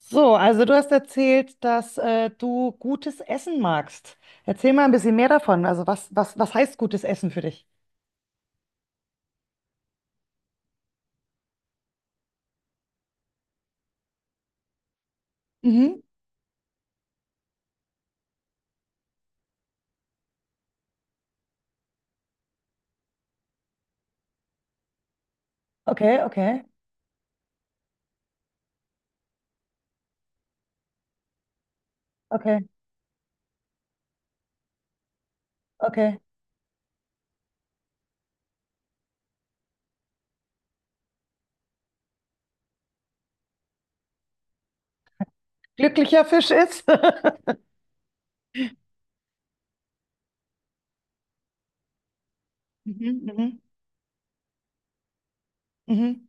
So, also du hast erzählt, dass du gutes Essen magst. Erzähl mal ein bisschen mehr davon. Also was heißt gutes Essen für dich? Mhm. Okay, okay, okay, okay. Glücklicher Fisch ist. Mhm, mhm, mhm.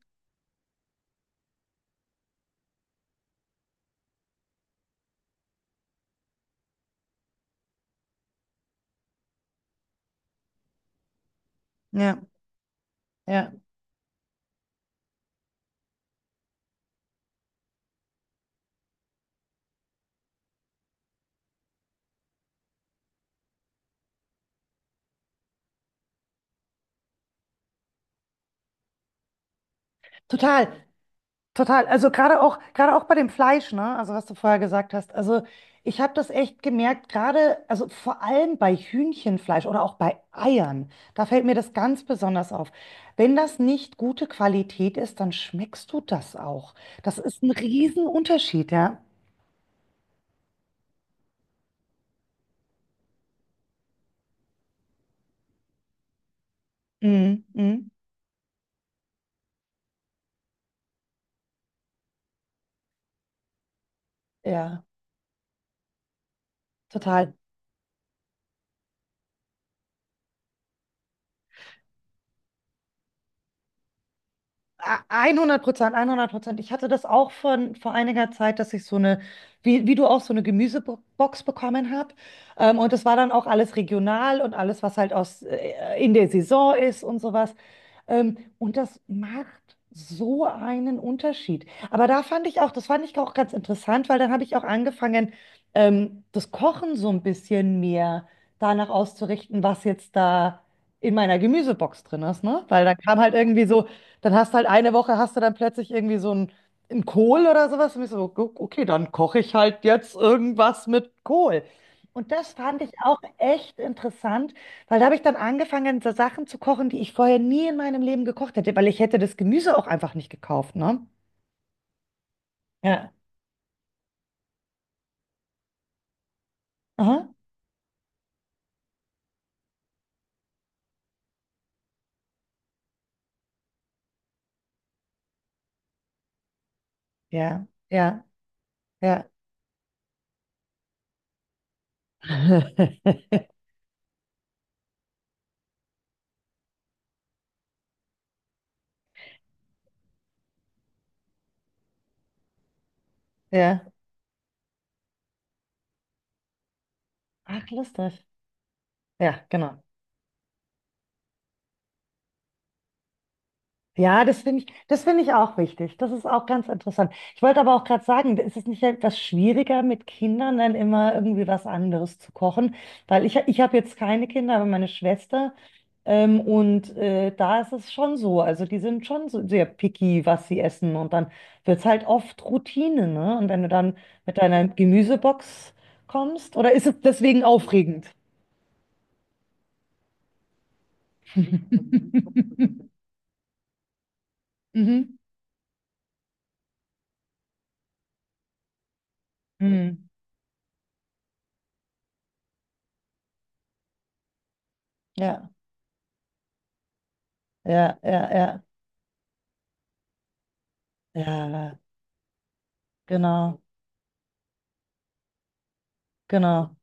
Ja, ja. Total. Total, also gerade auch bei dem Fleisch, ne? Also was du vorher gesagt hast. Also ich habe das echt gemerkt, gerade, also vor allem bei Hühnchenfleisch oder auch bei Eiern, da fällt mir das ganz besonders auf. Wenn das nicht gute Qualität ist, dann schmeckst du das auch. Das ist ein Riesenunterschied, ja. Mhm. Mhm. Ja, total. 100%, 100%. Ich hatte das auch vor einiger Zeit, dass ich so wie, wie du auch, so eine Gemüsebox bekommen habe. Und das war dann auch alles regional und alles, was halt in der Saison ist und sowas. Und das macht so einen Unterschied. Aber da fand ich auch, das fand ich auch ganz interessant, weil dann habe ich auch angefangen, das Kochen so ein bisschen mehr danach auszurichten, was jetzt da in meiner Gemüsebox drin ist, ne? Weil dann kam halt irgendwie so, dann hast du halt eine Woche, hast du dann plötzlich irgendwie so einen Kohl oder sowas. Und ich so, "Gu- okay, dann koche ich halt jetzt irgendwas mit Kohl. Und das fand ich auch echt interessant, weil da habe ich dann angefangen, so Sachen zu kochen, die ich vorher nie in meinem Leben gekocht hätte, weil ich hätte das Gemüse auch einfach nicht gekauft, ne? Ja. Aha. Ja, ja, ja. Ja. Ach, lustig. Ja, genau. Ja, das finde ich auch wichtig. Das ist auch ganz interessant. Ich wollte aber auch gerade sagen, ist es nicht etwas schwieriger mit Kindern dann immer irgendwie was anderes zu kochen? Weil ich habe jetzt keine Kinder, aber meine Schwester. Da ist es schon so. Also die sind schon so sehr picky, was sie essen. Und dann wird es halt oft Routine, ne? Und wenn du dann mit deiner Gemüsebox kommst, oder ist es deswegen aufregend? Mhm. Mhm. Ja, ja. Ja, genau, genau.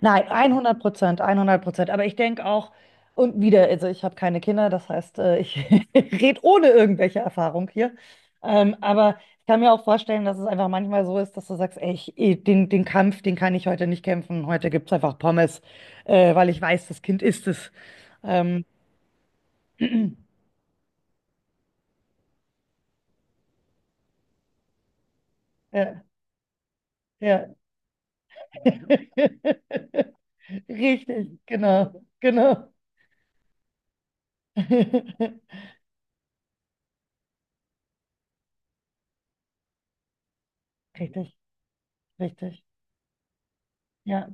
Nein, 100%, 100%. Aber ich denke auch, und wieder, also ich habe keine Kinder, das heißt, ich rede ohne irgendwelche Erfahrung hier. Aber ich kann mir auch vorstellen, dass es einfach manchmal so ist, dass du sagst, ey, den Kampf, den kann ich heute nicht kämpfen. Heute gibt es einfach Pommes, weil ich weiß, das Kind isst es. Ähm, ja, ja. Richtig, genau, genau. Richtig, richtig. Ja,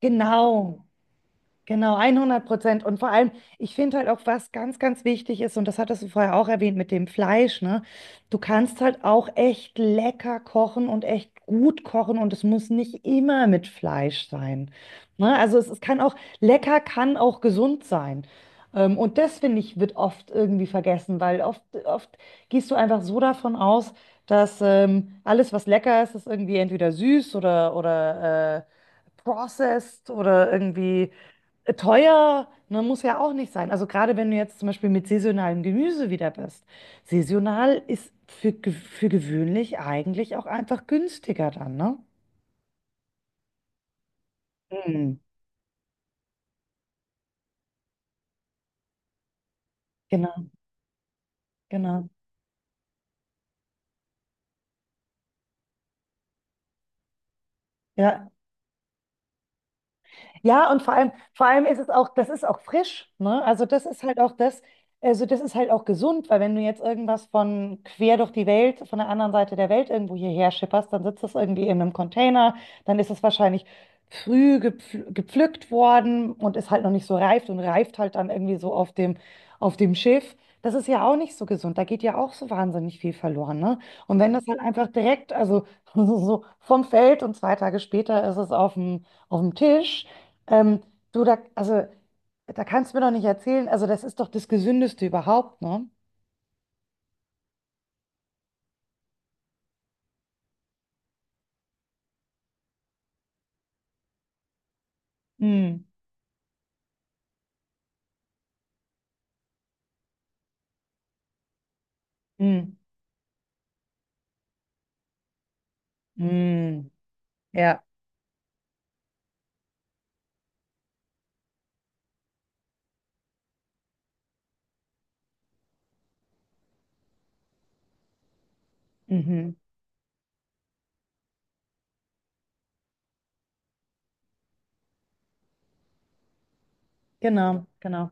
genau. Genau, 100%. Und vor allem, ich finde halt auch, was ganz wichtig ist, und das hattest du vorher auch erwähnt mit dem Fleisch, ne? Du kannst halt auch echt lecker kochen und echt gut kochen und es muss nicht immer mit Fleisch sein. Ne? Also es kann auch, lecker kann auch gesund sein. Und das, finde ich, wird oft irgendwie vergessen, weil oft gehst du einfach so davon aus, dass alles, was lecker ist, ist irgendwie entweder süß oder processed oder irgendwie teuer, ne, muss ja auch nicht sein. Also gerade wenn du jetzt zum Beispiel mit saisonalem Gemüse wieder bist. Saisonal ist für gewöhnlich eigentlich auch einfach günstiger dann, ne? Mhm. Genau, genau. Ja, ja, und vor allem ist es auch, das ist auch frisch, ne? Also das ist halt auch das, also das ist halt auch gesund, weil wenn du jetzt irgendwas von quer durch die Welt, von der anderen Seite der Welt irgendwo hierher schipperst, dann sitzt das irgendwie in einem Container, dann ist es wahrscheinlich früh gepfl gepflückt worden und ist halt noch nicht so reift und reift halt dann irgendwie so auf dem Schiff. Das ist ja auch nicht so gesund, da geht ja auch so wahnsinnig viel verloren, ne? Und wenn das halt einfach direkt, also so vom Feld und zwei Tage später ist es auf dem Tisch, ähm, du, da, also, da kannst du mir doch nicht erzählen, also das ist doch das Gesündeste überhaupt, ne? Mm, mm, mm. Ja, mhm. Genau, genau.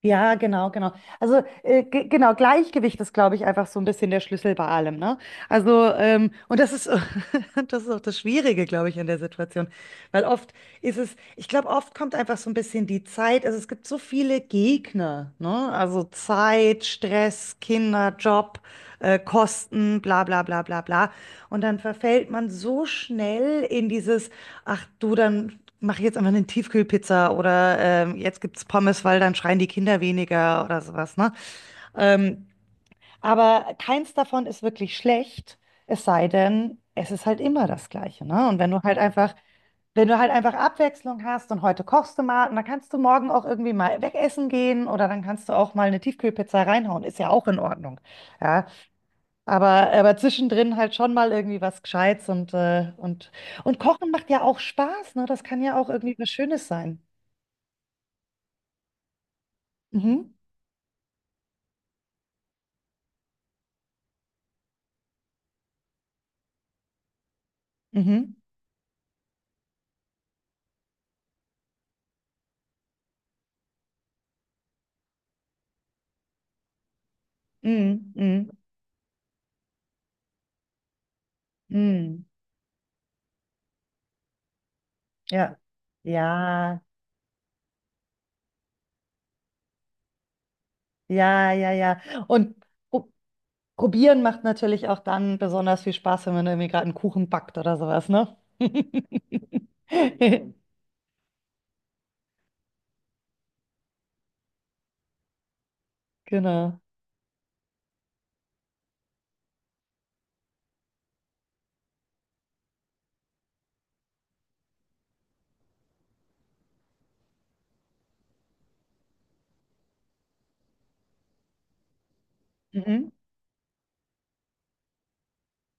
Ja, genau, genau. Also genau, Gleichgewicht ist, glaube ich, einfach so ein bisschen der Schlüssel bei allem, ne? Also, und das ist, das ist auch das Schwierige, glaube ich, in der Situation. Weil oft ist es, ich glaube, oft kommt einfach so ein bisschen die Zeit, also es gibt so viele Gegner, ne? Also Zeit, Stress, Kinder, Job, Kosten, bla bla bla bla bla. Und dann verfällt man so schnell in dieses, ach du, dann. Mach jetzt einfach eine Tiefkühlpizza oder jetzt gibt's Pommes, weil dann schreien die Kinder weniger oder sowas, ne? Ähm, aber keins davon ist wirklich schlecht, es sei denn, es ist halt immer das Gleiche, ne? Und wenn du halt einfach Abwechslung hast und heute kochst du mal und dann kannst du morgen auch irgendwie mal wegessen gehen oder dann kannst du auch mal eine Tiefkühlpizza reinhauen, ist ja auch in Ordnung, ja? Aber zwischendrin halt schon mal irgendwie was Gescheites und Kochen macht ja auch Spaß, ne? Das kann ja auch irgendwie was Schönes sein. Mhm. Mhm. Mhm. Mhm. Mhm. Ja. Ja, ja. Und pro probieren macht natürlich auch dann besonders viel Spaß, wenn man irgendwie gerade einen Kuchen backt oder sowas, ne? Genau. Mhm.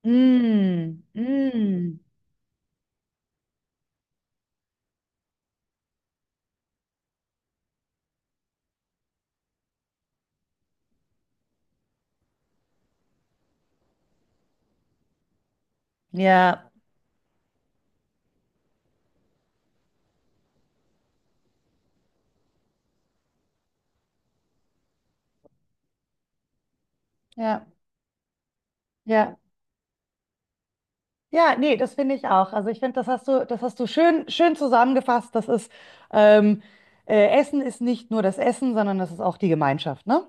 Mm, mm. Ja, ja, ja. Ja, nee, das finde ich auch. Also ich finde, das hast du schön zusammengefasst. Ähm, Essen ist nicht nur das Essen, sondern das ist auch die Gemeinschaft, ne?